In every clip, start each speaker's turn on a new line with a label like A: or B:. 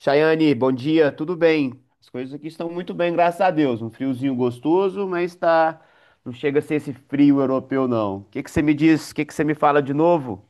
A: Chayane, bom dia, tudo bem? As coisas aqui estão muito bem, graças a Deus. Um friozinho gostoso, mas tá não chega a ser esse frio europeu, não. O que que você me diz? O que que você me fala de novo?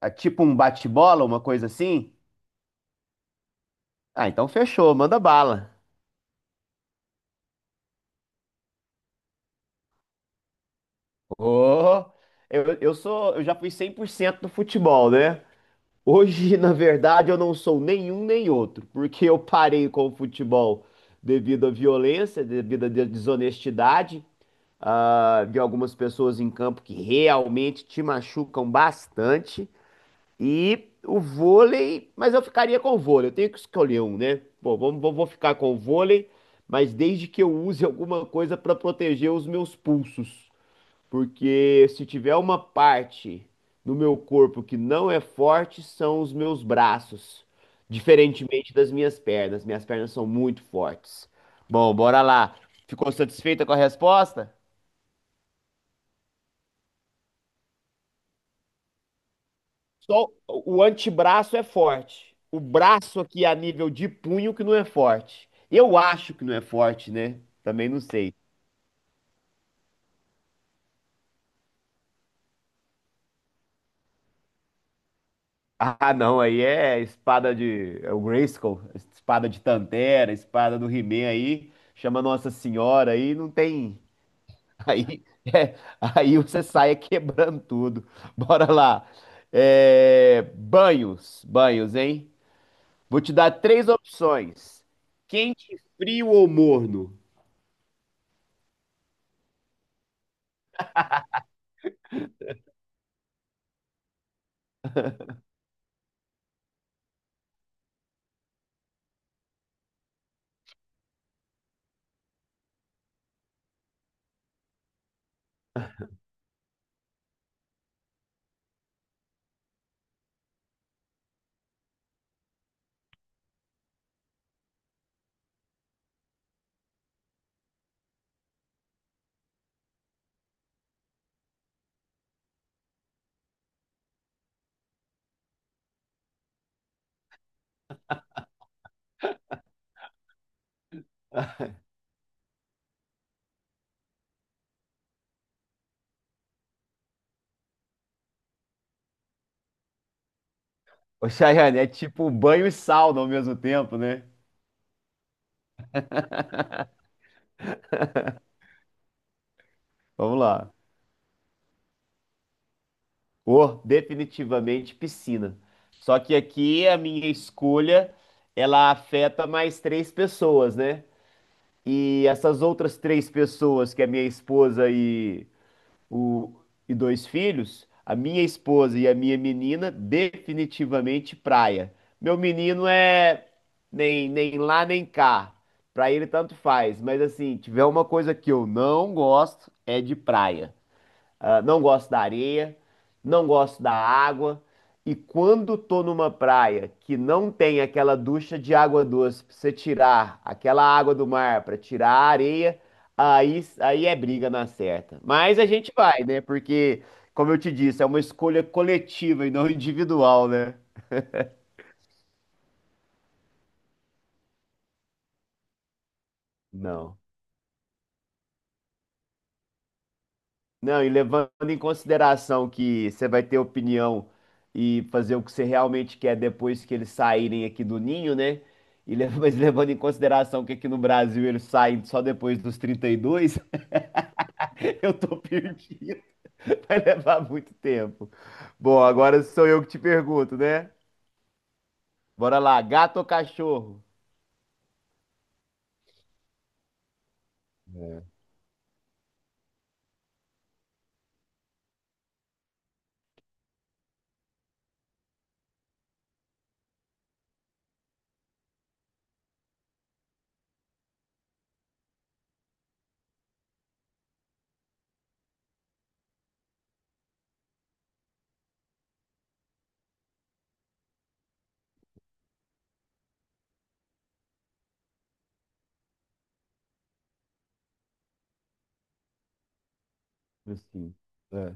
A: É tipo um bate-bola, uma coisa assim? Ah, então fechou, manda bala. Ô, eu sou, eu já fui 100% do futebol, né? Hoje, na verdade, eu não sou nenhum nem outro, porque eu parei com o futebol devido à violência, devido à desonestidade, de algumas pessoas em campo que realmente te machucam bastante. E o vôlei, mas eu ficaria com o vôlei, eu tenho que escolher um, né? Bom, vamos, vou ficar com o vôlei, mas desde que eu use alguma coisa para proteger os meus pulsos. Porque se tiver uma parte no meu corpo que não é forte, são os meus braços. Diferentemente das minhas pernas. Minhas pernas são muito fortes. Bom, bora lá. Ficou satisfeita com a resposta? Só o antebraço é forte. O braço aqui a nível de punho que não é forte. Eu acho que não é forte, né? Também não sei. Ah, não, aí é espada de. É o Grayskull, espada de Tantera, espada do He-Man aí. Chama Nossa Senhora aí, não tem. Aí, é, aí você sai quebrando tudo. Bora lá. É, banhos, banhos, hein? Vou te dar três opções: quente, frio ou morno? Ô, Chayane, é tipo banho e sauna ao mesmo tempo, né? Vamos lá. Ou definitivamente piscina. Só que aqui a minha escolha, ela afeta mais três pessoas, né? E essas outras três pessoas, que é minha esposa e o- e dois filhos, a minha esposa e a minha menina, definitivamente praia. Meu menino é nem lá nem cá. Pra ele tanto faz, mas assim, tiver uma coisa que eu não gosto é de praia. Ah, não gosto da areia, não gosto da água. E quando tô numa praia que não tem aquela ducha de água doce pra você tirar aquela água do mar pra tirar a areia, aí é briga na certa. Mas a gente vai, né? Porque, como eu te disse, é uma escolha coletiva e não individual, né? Não. Não, e levando em consideração que você vai ter opinião e fazer o que você realmente quer depois que eles saírem aqui do ninho, né? E mas levando em consideração que aqui no Brasil eles saem só depois dos 32, eu tô perdido. Vai levar muito tempo. Bom, agora sou eu que te pergunto, né? Bora lá, gato ou cachorro? Eu sim. É,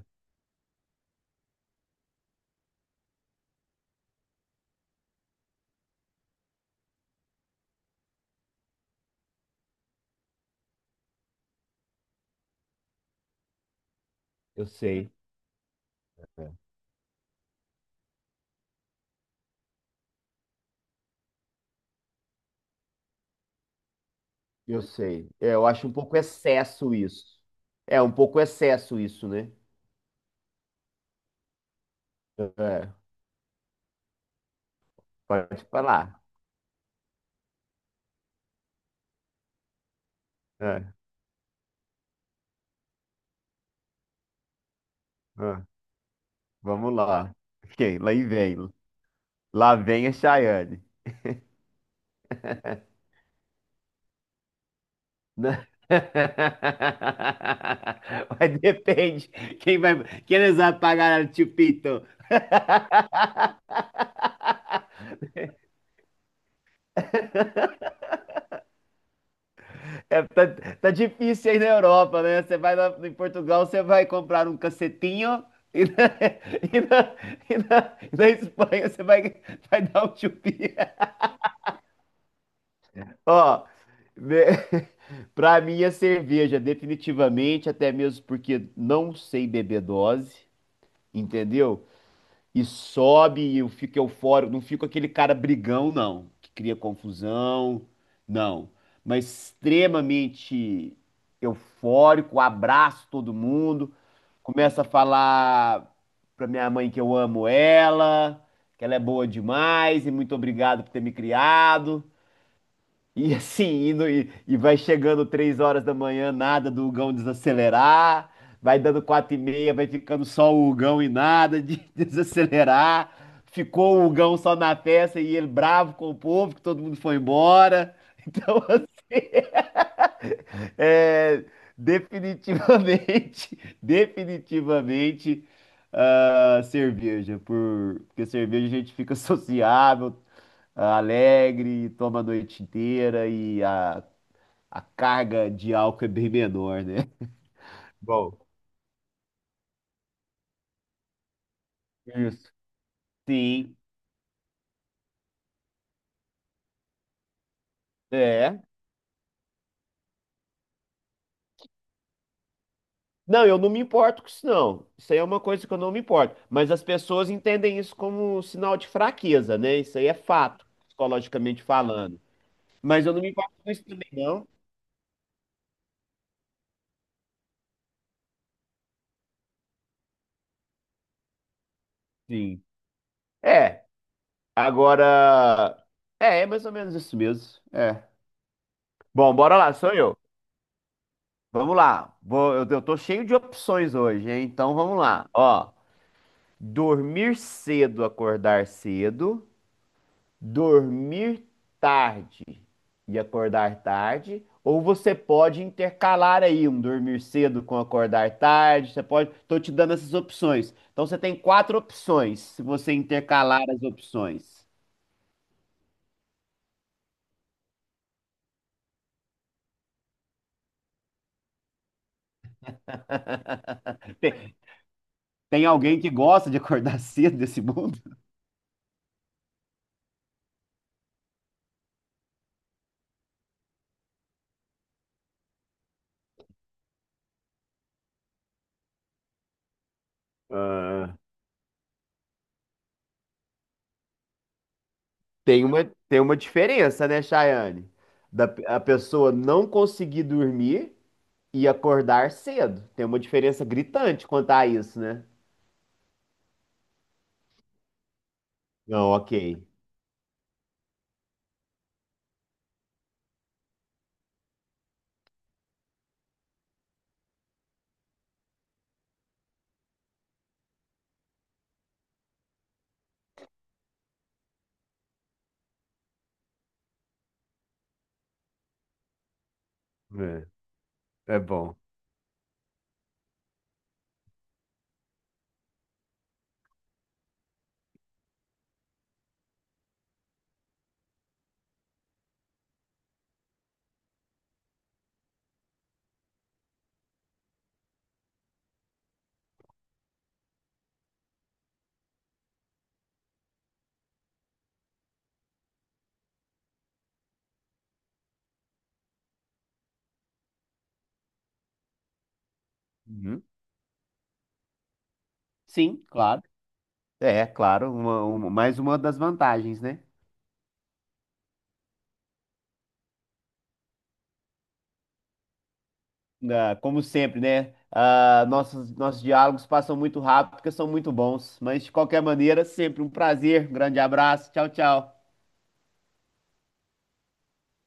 A: eu sei, é, é. Eu sei. É, eu acho um pouco excesso isso. É, um pouco excesso isso, né? É, pode falar. É, é, vamos lá. Ok, lá e vem. Lá vem a Chayane. Né? Mas depende. Quem vai, quem eles vão pagar o Chupito? É, tá, tá difícil aí na Europa, né? Você vai lá em Portugal, você vai comprar um cacetinho e na, e na, e na- e na Espanha você vai, vai dar um chupinho. Ó, me- pra mim é cerveja, definitivamente, até mesmo porque não sei beber dose, entendeu? E sobe e eu fico eufórico, não fico aquele cara brigão, não, que cria confusão, não. Mas extremamente eufórico, abraço todo mundo, começa a falar pra minha mãe que eu amo ela, que ela é boa demais e muito obrigado por ter me criado. E assim, e vai chegando três horas da manhã, nada do Hugão desacelerar. Vai dando quatro e meia, vai ficando só o Hugão e nada de desacelerar. Ficou o Hugão só na festa e ele bravo com o povo, que todo mundo foi embora. Então, é, definitivamente, definitivamente, ah, cerveja. Porque cerveja a gente fica sociável, ah, alegre, toma a noite inteira e a carga de álcool é bem menor, né? Bom, isso. Sim, é. Não, eu não me importo com isso, não. Isso aí é uma coisa que eu não me importo. Mas as pessoas entendem isso como um sinal de fraqueza, né? Isso aí é fato, psicologicamente falando. Mas eu não me importo com isso também, não. Sim. É, agora. É, é mais ou menos isso mesmo. É. Bom, bora lá, sou eu. Vamos lá. Eu tô cheio de opções hoje, hein? Então vamos lá. Ó, dormir cedo, acordar cedo, dormir tarde e acordar tarde, ou você pode intercalar aí um dormir cedo com acordar tarde, você pode, tô te dando essas opções. Então você tem quatro opções, se você intercalar as opções. Tem, tem alguém que gosta de acordar cedo desse mundo? Ah, tem uma diferença, né, Chayane? A pessoa não conseguir dormir e acordar cedo. Tem uma diferença gritante quanto a isso, né? Não, ok. É, é bom. Uhum. Sim, claro. É, claro, mais uma das vantagens, né? Ah, como sempre, né? Ah, nossos diálogos passam muito rápido porque são muito bons. Mas, de qualquer maneira, sempre um prazer. Um grande abraço. Tchau, tchau.